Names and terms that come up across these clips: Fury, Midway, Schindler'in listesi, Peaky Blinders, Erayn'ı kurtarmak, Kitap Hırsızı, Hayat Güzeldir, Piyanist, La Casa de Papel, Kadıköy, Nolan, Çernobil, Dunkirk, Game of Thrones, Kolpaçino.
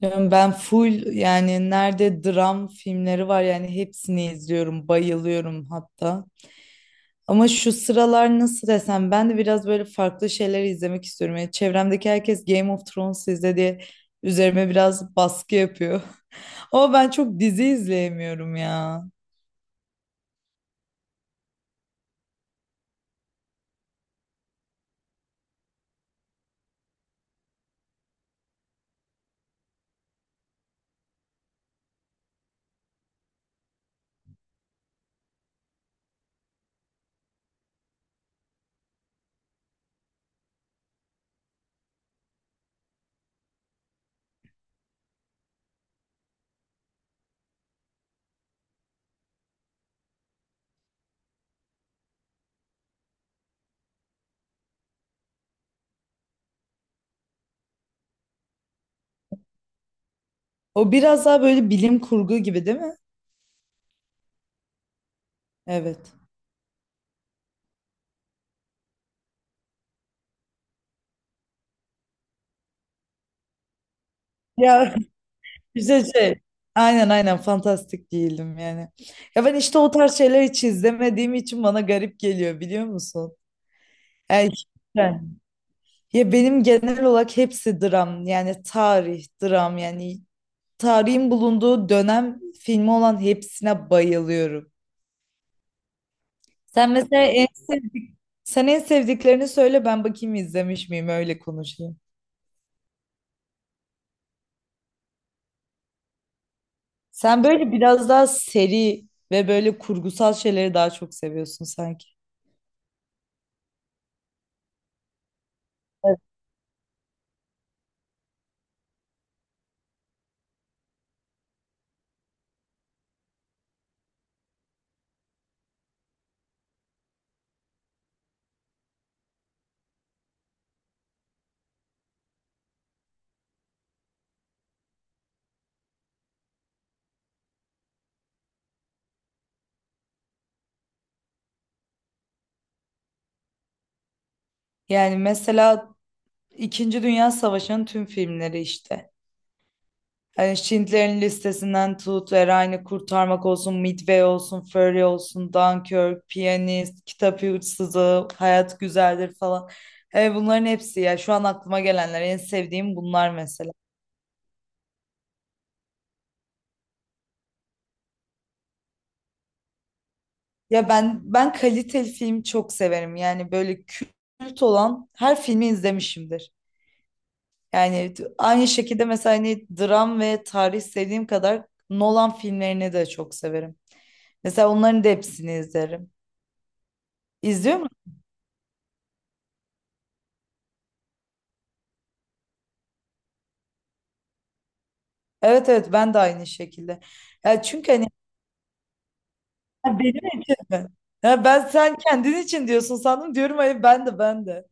Yani ben full yani nerede dram filmleri var yani hepsini izliyorum, bayılıyorum hatta. Ama şu sıralar nasıl desem ben de biraz böyle farklı şeyler izlemek istiyorum. Yani çevremdeki herkes Game of Thrones izle diye üzerime biraz baskı yapıyor. Ama ben çok dizi izleyemiyorum ya. O biraz daha böyle bilim kurgu gibi değil mi? Evet. Ya işte şey. Aynen aynen fantastik değilim yani. Ya ben işte o tarz şeyler hiç izlemediğim için bana garip geliyor biliyor musun? Erkekler. Ya benim genel olarak hepsi dram yani tarih dram yani tarihin bulunduğu dönem filmi olan hepsine bayılıyorum. Sen mesela en sevdik Sen en sevdiklerini söyle, ben bakayım izlemiş miyim, öyle konuşayım. Sen böyle biraz daha seri ve böyle kurgusal şeyleri daha çok seviyorsun sanki. Evet. Yani mesela İkinci Dünya Savaşı'nın tüm filmleri işte. Hani Schindler'in listesinden tut, Erayn'ı kurtarmak olsun, Midway olsun, Fury olsun, Dunkirk, Piyanist, Kitap Hırsızı, Hayat Güzeldir falan. Evet, bunların hepsi, ya şu an aklıma gelenler, en sevdiğim bunlar mesela. Ya ben kaliteli film çok severim. Yani böyle kült olan her filmi izlemişimdir. Aynı şekilde mesela hani dram ve tarih sevdiğim kadar Nolan filmlerini de çok severim. Mesela onların da hepsini izlerim. İzliyor. Evet evet, ben de aynı şekilde. Ya çünkü hani. Ha, benim için mi? Ya ben sen kendin için diyorsun sandım, diyorum hayır, ben de ben de.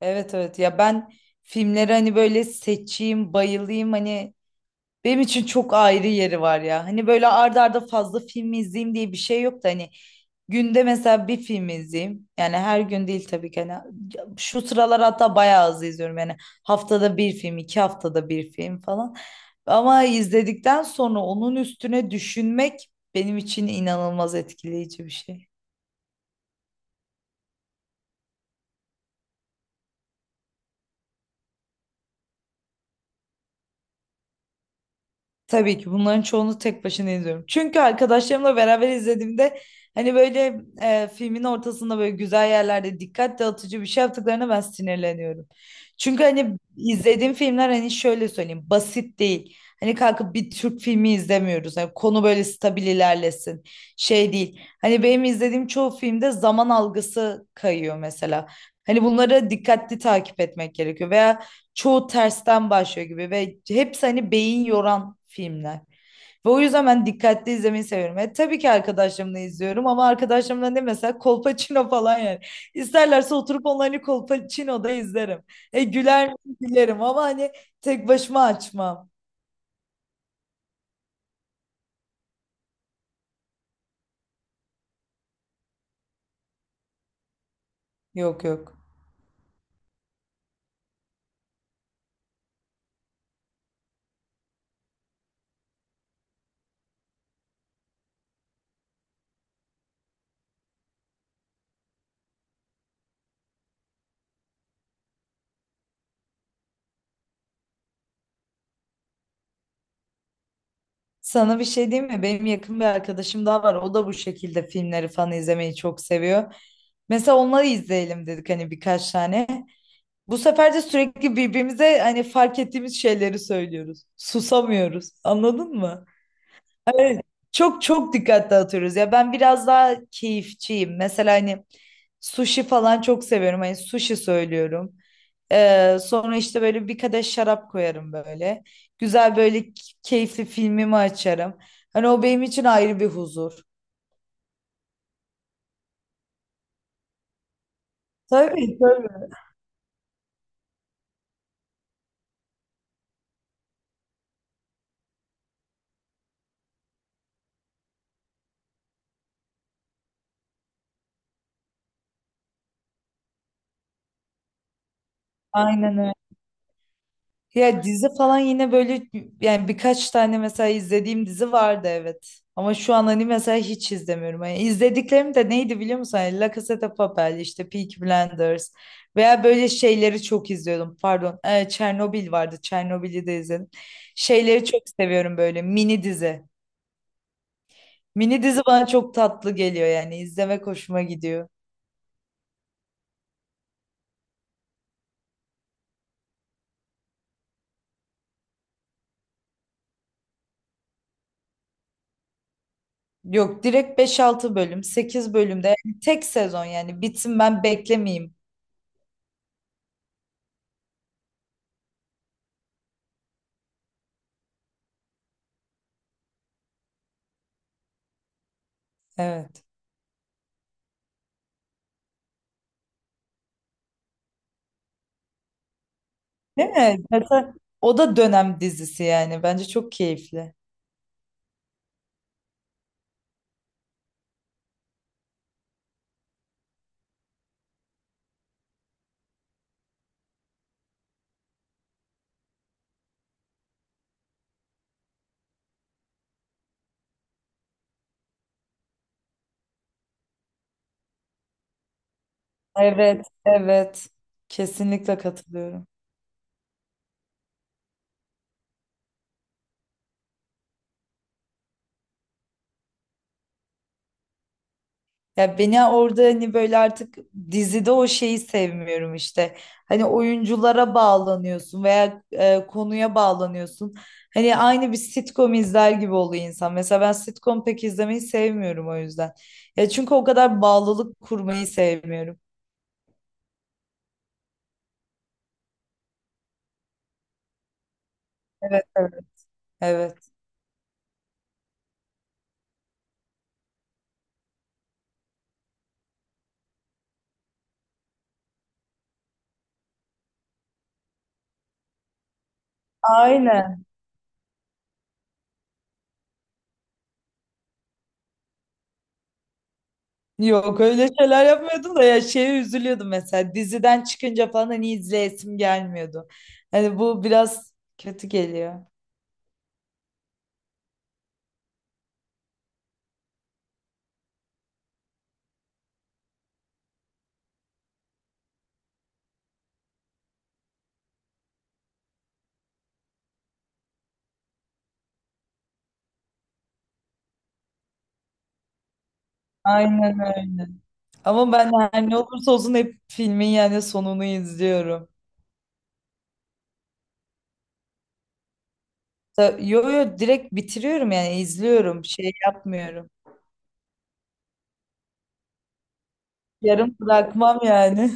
Evet evet, ya ben filmleri hani böyle seçeyim bayılayım hani. Benim için çok ayrı yeri var ya. Hani böyle arda arda fazla film izleyeyim diye bir şey yok da hani günde mesela bir film izleyeyim. Yani her gün değil tabii ki. Hani şu sıralar hatta bayağı az izliyorum. Yani haftada bir film, iki haftada bir film falan. Ama izledikten sonra onun üstüne düşünmek benim için inanılmaz etkileyici bir şey. Tabii ki bunların çoğunu tek başına izliyorum. Çünkü arkadaşlarımla beraber izlediğimde hani böyle, filmin ortasında böyle güzel yerlerde dikkat dağıtıcı bir şey yaptıklarına ben sinirleniyorum. Çünkü hani izlediğim filmler, hani şöyle söyleyeyim, basit değil. Hani kalkıp bir Türk filmi izlemiyoruz. Hani konu böyle stabil ilerlesin. Şey değil. Hani benim izlediğim çoğu filmde zaman algısı kayıyor mesela. Hani bunlara dikkatli takip etmek gerekiyor. Veya çoğu tersten başlıyor gibi ve hepsi hani beyin yoran filmler. Ve o yüzden ben dikkatli izlemeyi seviyorum. Tabii ki arkadaşlarımla izliyorum ama arkadaşlarımla ne mesela, Kolpaçino falan yani. İsterlerse oturup onlarla Kolpaçino'da izlerim. E, güler miyim? Gülerim ama hani tek başıma açmam. Yok yok. Sana bir şey diyeyim mi? Benim yakın bir arkadaşım daha var. O da bu şekilde filmleri falan izlemeyi çok seviyor. Mesela onları izleyelim dedik hani, birkaç tane. Bu sefer de sürekli birbirimize hani fark ettiğimiz şeyleri söylüyoruz. Susamıyoruz. Anladın mı? Çok çok dikkat dağıtıyoruz. Ya ben biraz daha keyifçiyim. Mesela hani sushi falan çok seviyorum. Hani sushi söylüyorum. Sonra işte böyle bir kadeh şarap koyarım böyle. Güzel böyle keyifli filmimi açarım. Hani o benim için ayrı bir huzur. Tabii tabii. Aynen öyle. Ya dizi falan yine böyle, yani birkaç tane mesela izlediğim dizi vardı evet. Ama şu an hani mesela hiç izlemiyorum. Yani izlediklerim de neydi biliyor musun? Yani La Casa de Papel, işte Peaky Blinders veya böyle şeyleri çok izliyordum. Pardon, Çernobil vardı. Çernobil'i de izledim. Şeyleri çok seviyorum böyle, mini dizi. Mini dizi bana çok tatlı geliyor, yani izlemek hoşuma gidiyor. Yok, direkt beş altı bölüm, 8 bölümde yani, tek sezon yani, bitsin ben beklemeyeyim. Evet. Değil mi? Mesela o da dönem dizisi yani. Bence çok keyifli. Evet, evet. Kesinlikle katılıyorum. Ya beni orada hani böyle artık dizide o şeyi sevmiyorum işte. Hani oyunculara bağlanıyorsun veya konuya bağlanıyorsun. Hani aynı bir sitcom izler gibi oluyor insan. Mesela ben sitcom pek izlemeyi sevmiyorum o yüzden. Ya çünkü o kadar bağlılık kurmayı sevmiyorum. Evet, evet. Evet. Aynen. Yok öyle şeyler yapmıyordum da, ya şeye üzülüyordum mesela, diziden çıkınca falan hani izleyesim gelmiyordu. Hani bu biraz kötü geliyor. Aynen öyle. Ama ben her ne olursa olsun hep filmin yani sonunu izliyorum. Yo yo, direkt bitiriyorum yani, izliyorum, şey yapmıyorum. Yarım bırakmam yani.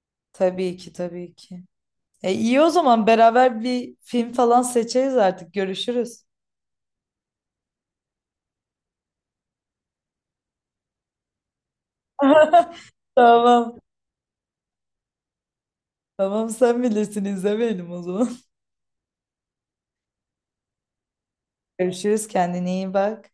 Tabii ki tabii ki. E iyi o zaman, beraber bir film falan seçeriz artık, görüşürüz. Tamam. Tamam sen bilirsin, izlemeyelim o zaman. Görüşürüz, kendine iyi bak.